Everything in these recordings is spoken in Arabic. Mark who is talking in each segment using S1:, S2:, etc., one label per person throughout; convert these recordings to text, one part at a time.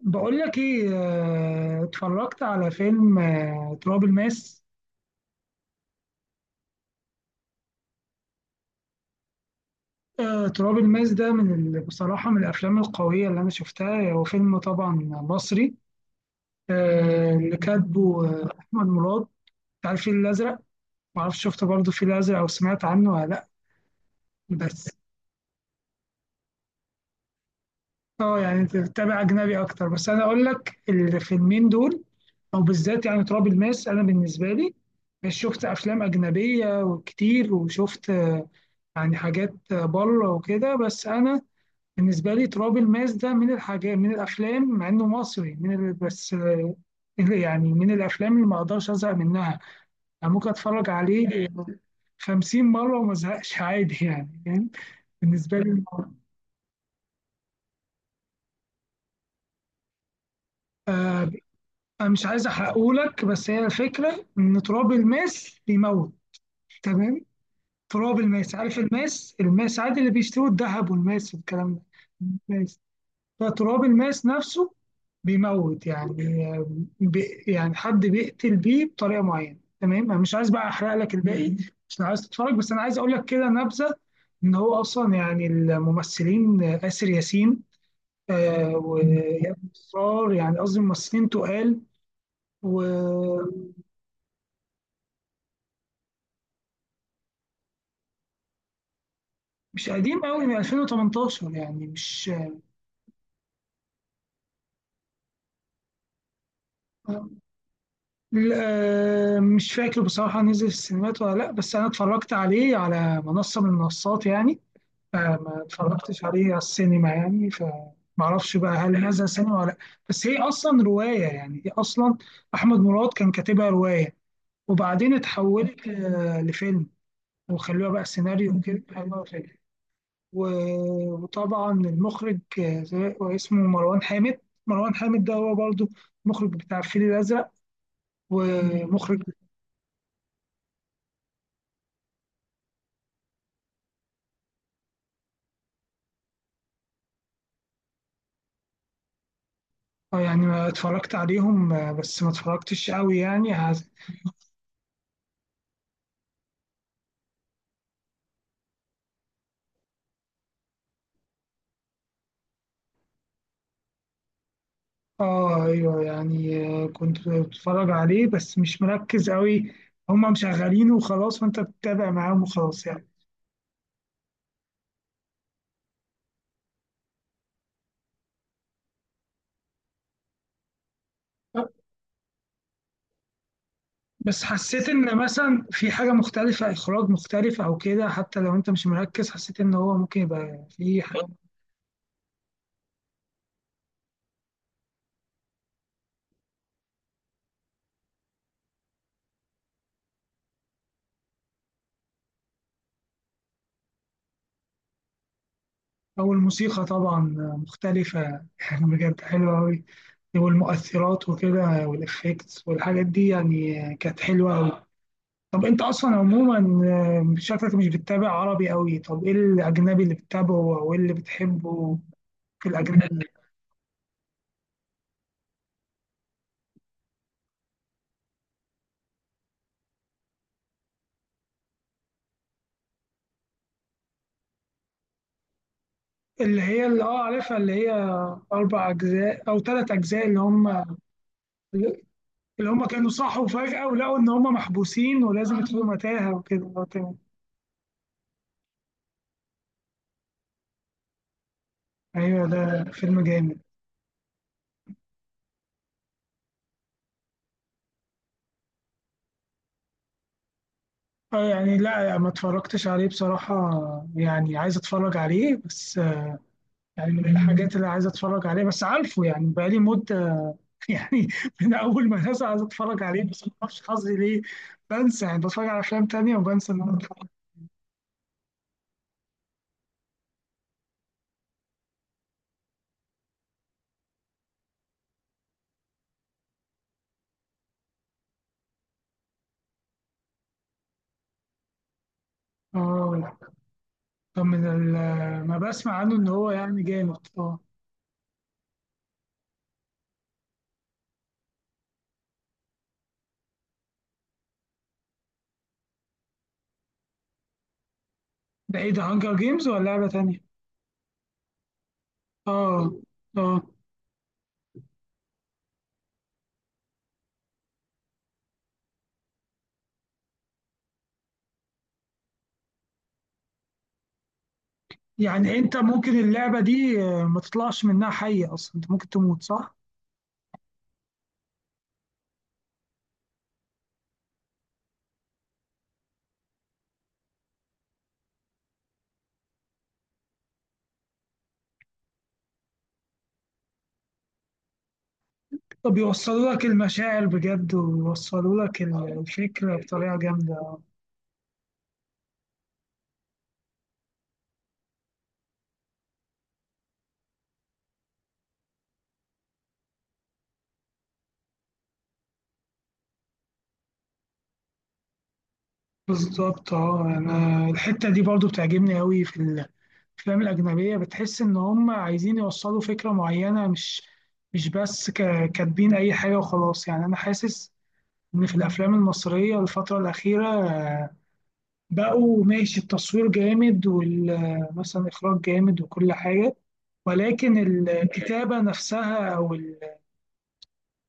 S1: بقول لك ايه، اتفرجت على فيلم آه، تراب الماس ده من بصراحة من الأفلام القوية اللي أنا شفتها. هو فيلم طبعا مصري، اللي كاتبه أحمد مراد، بتاع الفيل الأزرق. معرفش شفت برضه الفيل الأزرق أو سمعت عنه ولا لأ. بس اه يعني أنت بتتابع أجنبي أكتر، بس أنا أقول لك الفيلمين دول، أو بالذات يعني تراب الماس. أنا بالنسبة لي شفت أفلام أجنبية وكتير، وشفت يعني حاجات بره وكده، بس انا بالنسبه لي تراب الماس ده من الحاجات، من الافلام، مع انه مصري، من بس يعني من الافلام اللي ما اقدرش ازهق منها. يعني ممكن اتفرج عليه 50 مره وما ازهقش عادي، يعني فاهم؟ بالنسبه لي آه، انا مش عايز احرقهولك، بس هي الفكره ان تراب الماس بيموت، تمام. تراب الماس، عارف الماس؟ الماس عادي اللي بيشتروا الذهب والماس والكلام ده. فتراب الماس نفسه بيموت، يعني بي يعني حد بيقتل بيه بطريقه معينه، تمام. انا مش عايز بقى احرق لك الباقي. مش عايز تتفرج، بس انا عايز اقول لك كده نبذه. ان هو اصلا يعني الممثلين آسر ياسين، آه وإياد نصار، يعني قصدي ممثلين تقال ومش... قديم قوي، من 2018، يعني مش... لا، مش فاكر بصراحة نزل في السينمات ولا لا، بس أنا اتفرجت عليه على منصة من المنصات يعني. ما اتفرجتش عليه على السينما يعني، فمعرفش بقى هل هذا سينما ولا لا. بس هي اصلا روايه، يعني هي اصلا احمد مراد كان كاتبها روايه، وبعدين اتحولت لفيلم، وخلوها بقى سيناريو وكده، خلوها فيلم. وطبعا المخرج اسمه مروان حامد. مروان حامد ده هو برضو المخرج بتاع الفيل الازرق ومخرج... يعني ما اتفرجت عليهم، بس ما اتفرجتش قوي يعني. اه ايوه، يعني كنت بتفرج عليه بس مش مركز قوي. هما مشغلينه وخلاص وانت بتتابع معاهم وخلاص يعني. بس حسيت ان مثلا في حاجة مختلفة، اخراج مختلف او كده، حتى لو انت مش مركز حسيت ان هو ممكن يبقى في حاجة. او الموسيقى طبعا مختلفة، يعني بجد حلوة قوي. والمؤثرات وكده والافكتس والحاجات دي يعني كانت حلوة قوي. طب انت اصلا عموما، شكلك مش بتتابع عربي قوي. طب ايه الاجنبي اللي بتتابعه او ايه اللي بتحبه في الاجنبي؟ اللي هي اللي اه عارفها، اللي هي اربع اجزاء او ثلاث اجزاء، اللي هم كانوا صحوا فجأة ولقوا ان هم محبوسين ولازم يدخلوا متاهة وكده، اه تمام. ايوه، ده فيلم جامد. اه يعني لا ما اتفرجتش عليه بصراحة. يعني عايز اتفرج عليه بس يعني من الحاجات اللي عايز اتفرج عليه بس عارفه، يعني بقالي مدة يعني من اول ما الناس، عايز اتفرج عليه بس ما اعرفش حظي ليه. بنسى، يعني بتفرج على افلام تانية وبنسى ان انا اتفرج. اه، طب من ما بسمع عنه ان هو يعني جامد. اه، ده ايه ده، هانجر جيمز ولا لعبة تانية؟ اه اه. يعني انت ممكن اللعبة دي ما تطلعش منها حية، اصلا انت ممكن تموت، صح؟ طب يوصلوا لك المشاعر بجد، ويوصلوا لك الفكرة بطريقة جامدة. بالظبط اه. انا الحته دي برضو بتعجبني قوي في الافلام الاجنبيه. بتحس ان هم عايزين يوصلوا فكره معينه، مش بس كاتبين اي حاجه وخلاص يعني. انا حاسس ان في الافلام المصريه الفتره الاخيره، بقوا ماشي التصوير جامد ومثلا اخراج جامد وكل حاجه، ولكن الكتابه نفسها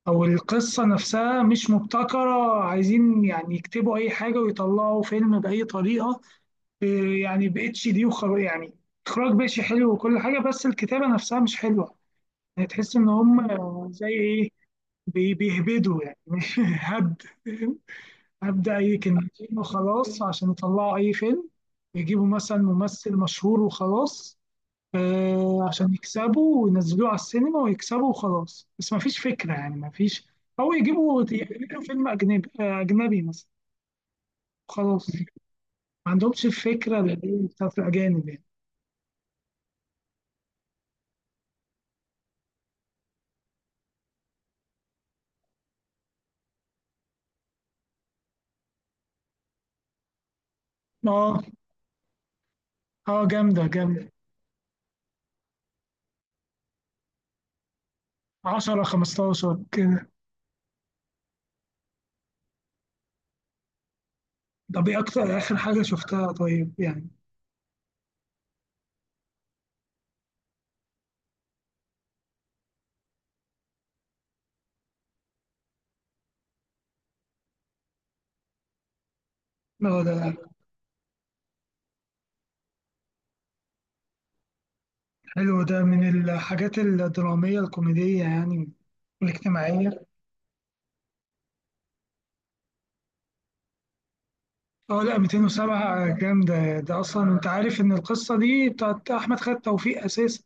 S1: او القصه نفسها مش مبتكره، عايزين يعني يكتبوا اي حاجه ويطلعوا فيلم باي طريقه. إيه يعني ب اتش دي وخر يعني، اخراج ماشي حلو وكل حاجه، بس الكتابه نفسها مش حلوه. يعني تحس ان هم زي ايه، بيهبدوا يعني هبد هبدا اي كلمتين وخلاص عشان يطلعوا اي فيلم. يجيبوا مثلا ممثل مشهور وخلاص، آه عشان يكسبوا وينزلوه على السينما ويكسبوا وخلاص، بس ما فيش فكره يعني، ما فيش. او يجيبوا يعملوا فيلم اجنبي، اجنبي مثلا، خلاص. ما عندهمش الفكره اللي هي بتاعت الاجانب يعني. اه اه، جامدة جامدة. 10 15 كده. طب ايه اكتر اخر حاجة شفتها طيب يعني؟ اه ده، حلو. ده من الحاجات الدرامية الكوميدية يعني والاجتماعية. اه لا، 207 جامدة. ده اصلا انت عارف ان القصة دي بتاعت احمد خالد توفيق اساسا.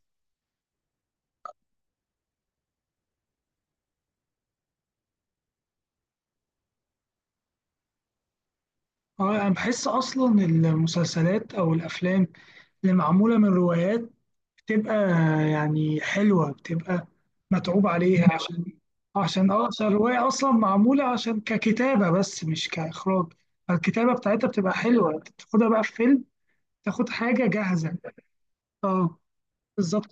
S1: اه انا بحس اصلا المسلسلات او الافلام اللي معمولة من روايات بتبقى يعني حلوة، بتبقى متعوب عليها، عشان عشان الرواية أصلا معمولة عشان ككتابة بس مش كإخراج. الكتابة بتاعتها بتبقى حلوة، انت بتاخدها بقى في فيلم، تاخد حاجة جاهزة. اه بالظبط.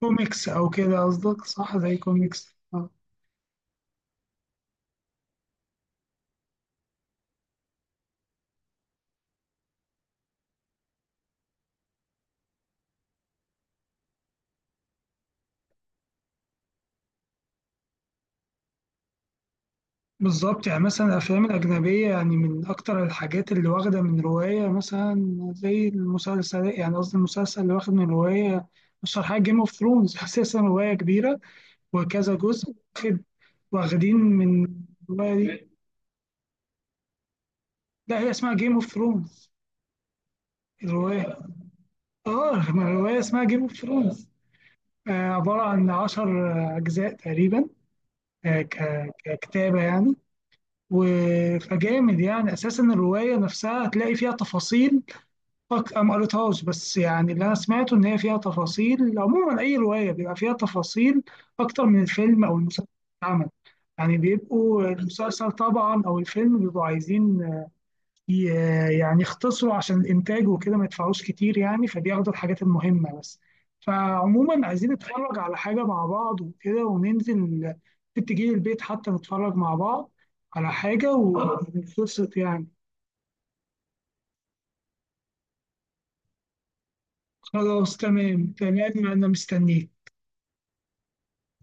S1: كوميكس أو كده قصدك، صح؟ زي كوميكس اه، بالظبط. يعني مثلا الأفلام الأجنبية، يعني من أكتر الحاجات اللي واخدة من رواية، مثلا زي المسلسل، يعني قصدي، المسلسل اللي واخد من رواية، أشهر حاجة جيم اوف ثرونز. أساسا رواية كبيرة، وكذا جزء واخد، واخدين من الرواية دي. لا هي اسمها جيم اوف ثرونز الرواية. اه ما الرواية اسمها جيم اوف ثرونز، عبارة عن عشر أجزاء تقريبا، ككتابة يعني. فجامد يعني. أساسا الرواية نفسها هتلاقي فيها تفاصيل، أنا ما قريتهاش، بس يعني اللي أنا سمعته إن هي فيها تفاصيل. عموما أي رواية بيبقى فيها تفاصيل أكتر من الفيلم أو المسلسل اللي اتعمل. يعني بيبقوا المسلسل طبعا أو الفيلم بيبقوا عايزين يعني يختصروا، عشان الانتاج وكده ما يدفعوش كتير يعني، فبياخدوا الحاجات المهمه بس. فعموما عايزين نتفرج على حاجه مع بعض وكده، وننزل ممكن تجيلي البيت حتى نتفرج مع بعض على حاجه ونتبسط يعني. خلاص تمام تمام، انا مستنيك.